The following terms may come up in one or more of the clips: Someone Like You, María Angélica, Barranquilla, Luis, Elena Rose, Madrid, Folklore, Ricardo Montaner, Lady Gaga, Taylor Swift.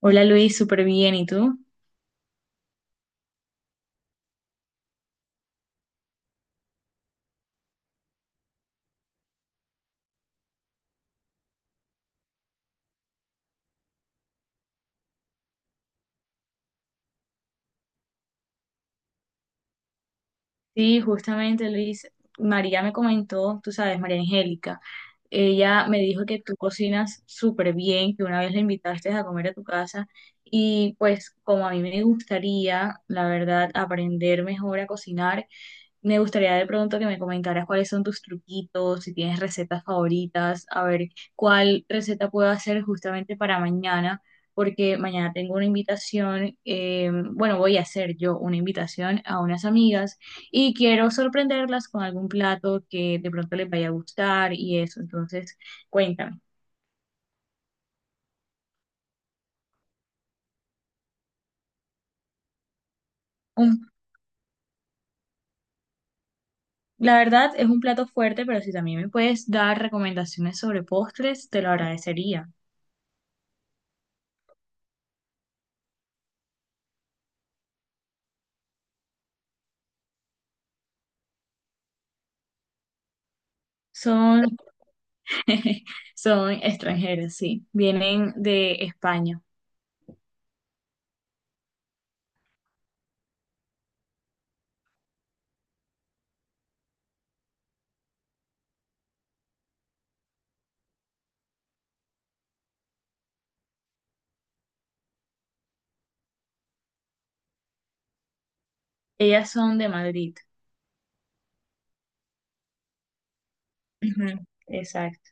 Hola Luis, súper bien. ¿Y tú? Sí, justamente Luis, María me comentó, tú sabes, María Angélica, ella me dijo que tú cocinas súper bien, que una vez la invitaste a comer a tu casa y pues como a mí me gustaría, la verdad, aprender mejor a cocinar. Me gustaría de pronto que me comentaras cuáles son tus truquitos, si tienes recetas favoritas, a ver cuál receta puedo hacer justamente para mañana, porque mañana tengo una invitación, bueno, voy a hacer yo una invitación a unas amigas y quiero sorprenderlas con algún plato que de pronto les vaya a gustar y eso. Entonces, cuéntame. Un- la verdad es un plato fuerte, pero si también me puedes dar recomendaciones sobre postres, te lo agradecería. Son Son extranjeras, sí. Vienen de España. Ellas son de Madrid. Ujú, exacto.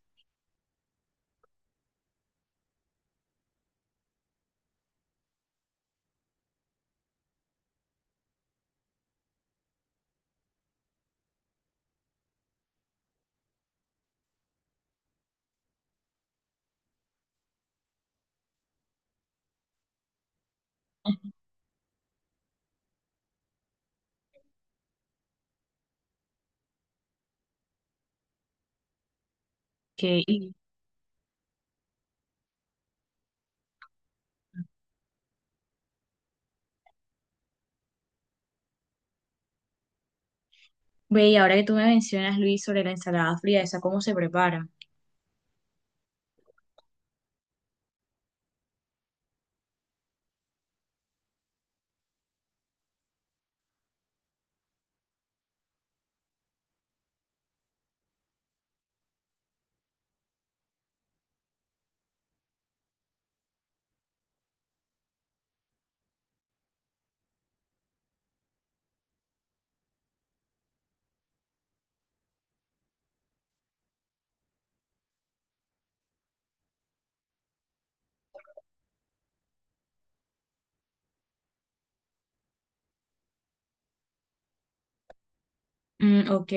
Ok. Y ve, y ahora que tú me mencionas, Luis, sobre la ensalada fría, ¿esa cómo se prepara? Mm, ok,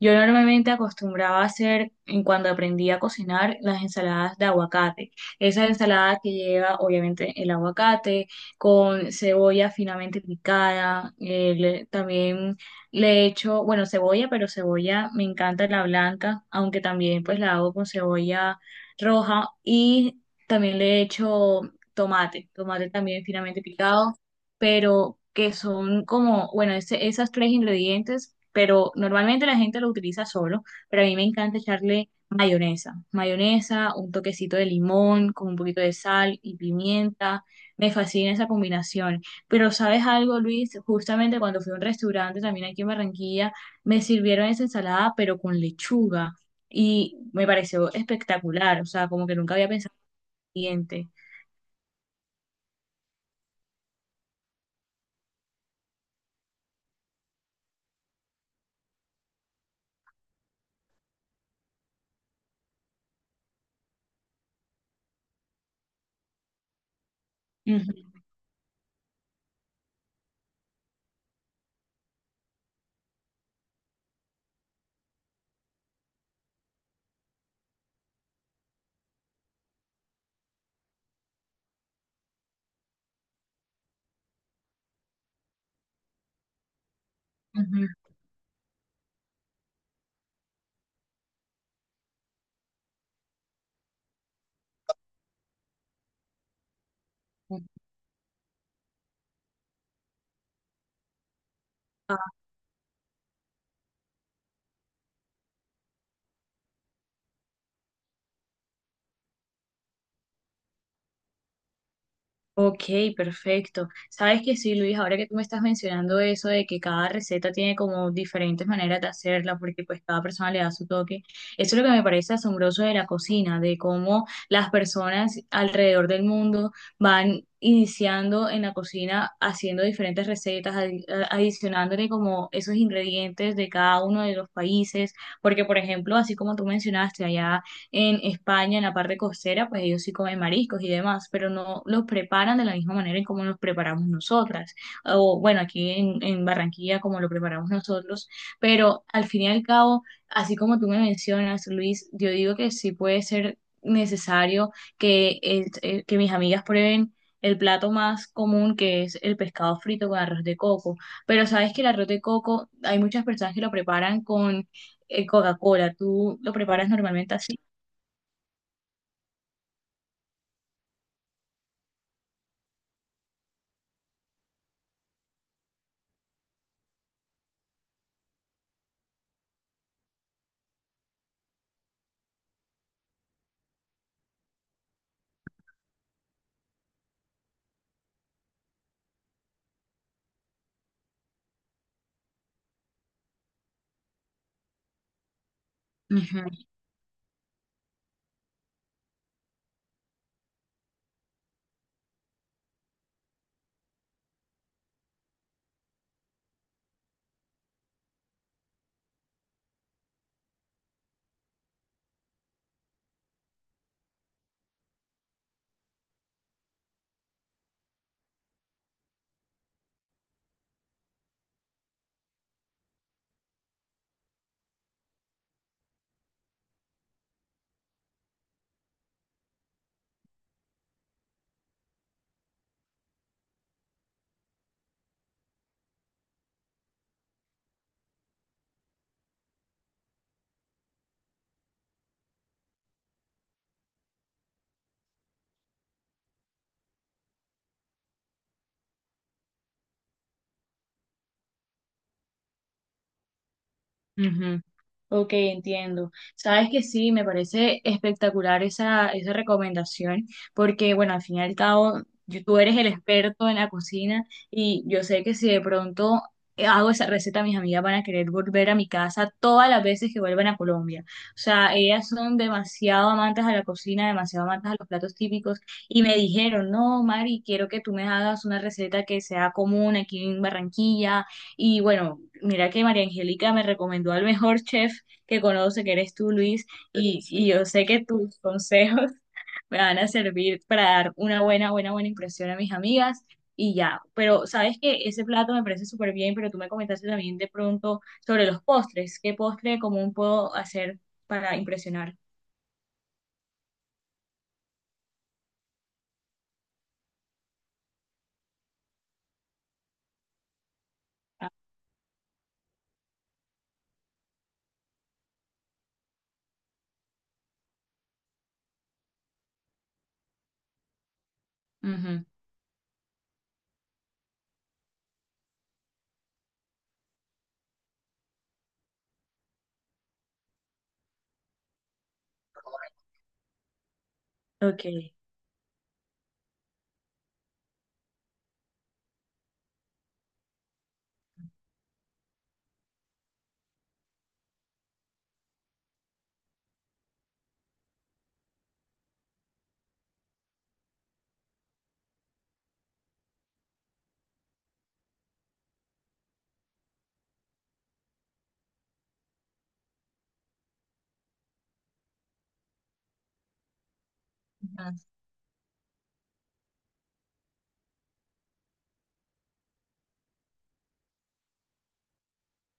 yo normalmente acostumbraba a hacer, en cuando aprendí a cocinar, las ensaladas de aguacate. Esa ensalada que lleva obviamente el aguacate con cebolla finamente picada, también le echo, bueno, cebolla, pero cebolla me encanta la blanca, aunque también pues la hago con cebolla roja y también le echo tomate, tomate también finamente picado, pero que son como, bueno, ese, esas tres ingredientes, pero normalmente la gente lo utiliza solo, pero a mí me encanta echarle mayonesa, mayonesa, un toquecito de limón con un poquito de sal y pimienta. Me fascina esa combinación. Pero ¿sabes algo, Luis? Justamente cuando fui a un restaurante también aquí en Barranquilla, me sirvieron esa ensalada, pero con lechuga. Y me pareció espectacular, o sea, como que nunca había pensado en el siguiente. Ujú, ujú. Ujú. Ok, perfecto. Sabes que sí, Luis, ahora que tú me estás mencionando eso de que cada receta tiene como diferentes maneras de hacerla, porque pues cada persona le da su toque, eso es lo que me parece asombroso de la cocina, de cómo las personas alrededor del mundo van iniciando en la cocina haciendo diferentes recetas, adicionándole como esos ingredientes de cada uno de los países, porque por ejemplo, así como tú mencionaste, allá en España, en la parte costera, pues ellos sí comen mariscos y demás, pero no los preparan de la misma manera en como los preparamos nosotras, o bueno, aquí en Barranquilla como lo preparamos nosotros, pero al fin y al cabo, así como tú me mencionas, Luis, yo digo que sí puede ser necesario que mis amigas prueben el plato más común que es el pescado frito con arroz de coco. Pero sabes que el arroz de coco, hay muchas personas que lo preparan con Coca-Cola. ¿Tú lo preparas normalmente así? Ujú, ujú. Ok, entiendo. Sabes que sí, me parece espectacular esa recomendación, porque bueno, al fin y al cabo, tú eres el experto en la cocina y yo sé que si de pronto hago esa receta, mis amigas van a querer volver a mi casa todas las veces que vuelvan a Colombia. O sea, ellas son demasiado amantes a la cocina, demasiado amantes a los platos típicos y me dijeron, no, Mari, quiero que tú me hagas una receta que sea común aquí en Barranquilla. Y bueno, mira que María Angélica me recomendó al mejor chef que conoce, que eres tú, Luis, y yo sé que tus consejos me van a servir para dar una buena, buena, buena impresión a mis amigas y ya. Pero sabes que ese plato me parece súper bien, pero tú me comentaste también de pronto sobre los postres. ¿Qué postre común puedo hacer para impresionar? Ah, ujú. Ok.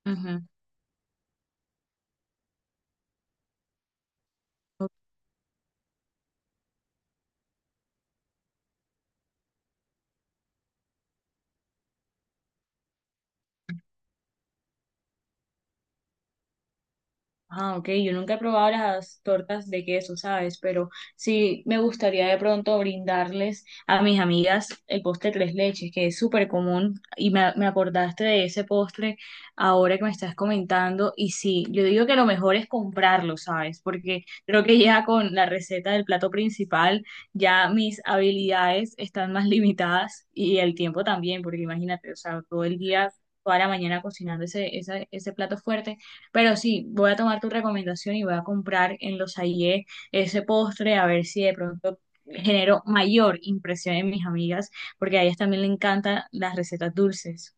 Ujú, ujú. Ah, ok, yo nunca he probado las tortas de queso, ¿sabes? Pero sí me gustaría de pronto brindarles a mis amigas el postre tres leches, que es súper común y me acordaste de ese postre ahora que me estás comentando y sí, yo digo que lo mejor es comprarlo, ¿sabes? Porque creo que ya con la receta del plato principal ya mis habilidades están más limitadas y el tiempo también, porque imagínate, o sea, todo el día, toda la mañana cocinando ese plato fuerte, pero sí, voy a tomar tu recomendación y voy a comprar en los Aie ese postre a ver si de pronto genero mayor impresión en mis amigas, porque a ellas también le encantan las recetas dulces.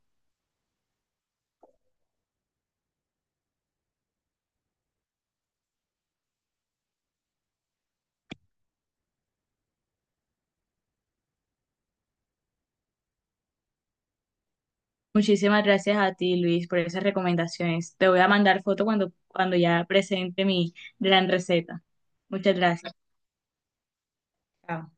Muchísimas gracias a ti, Luis, por esas recomendaciones. Te voy a mandar foto cuando ya presente mi gran receta. Muchas gracias. Chao.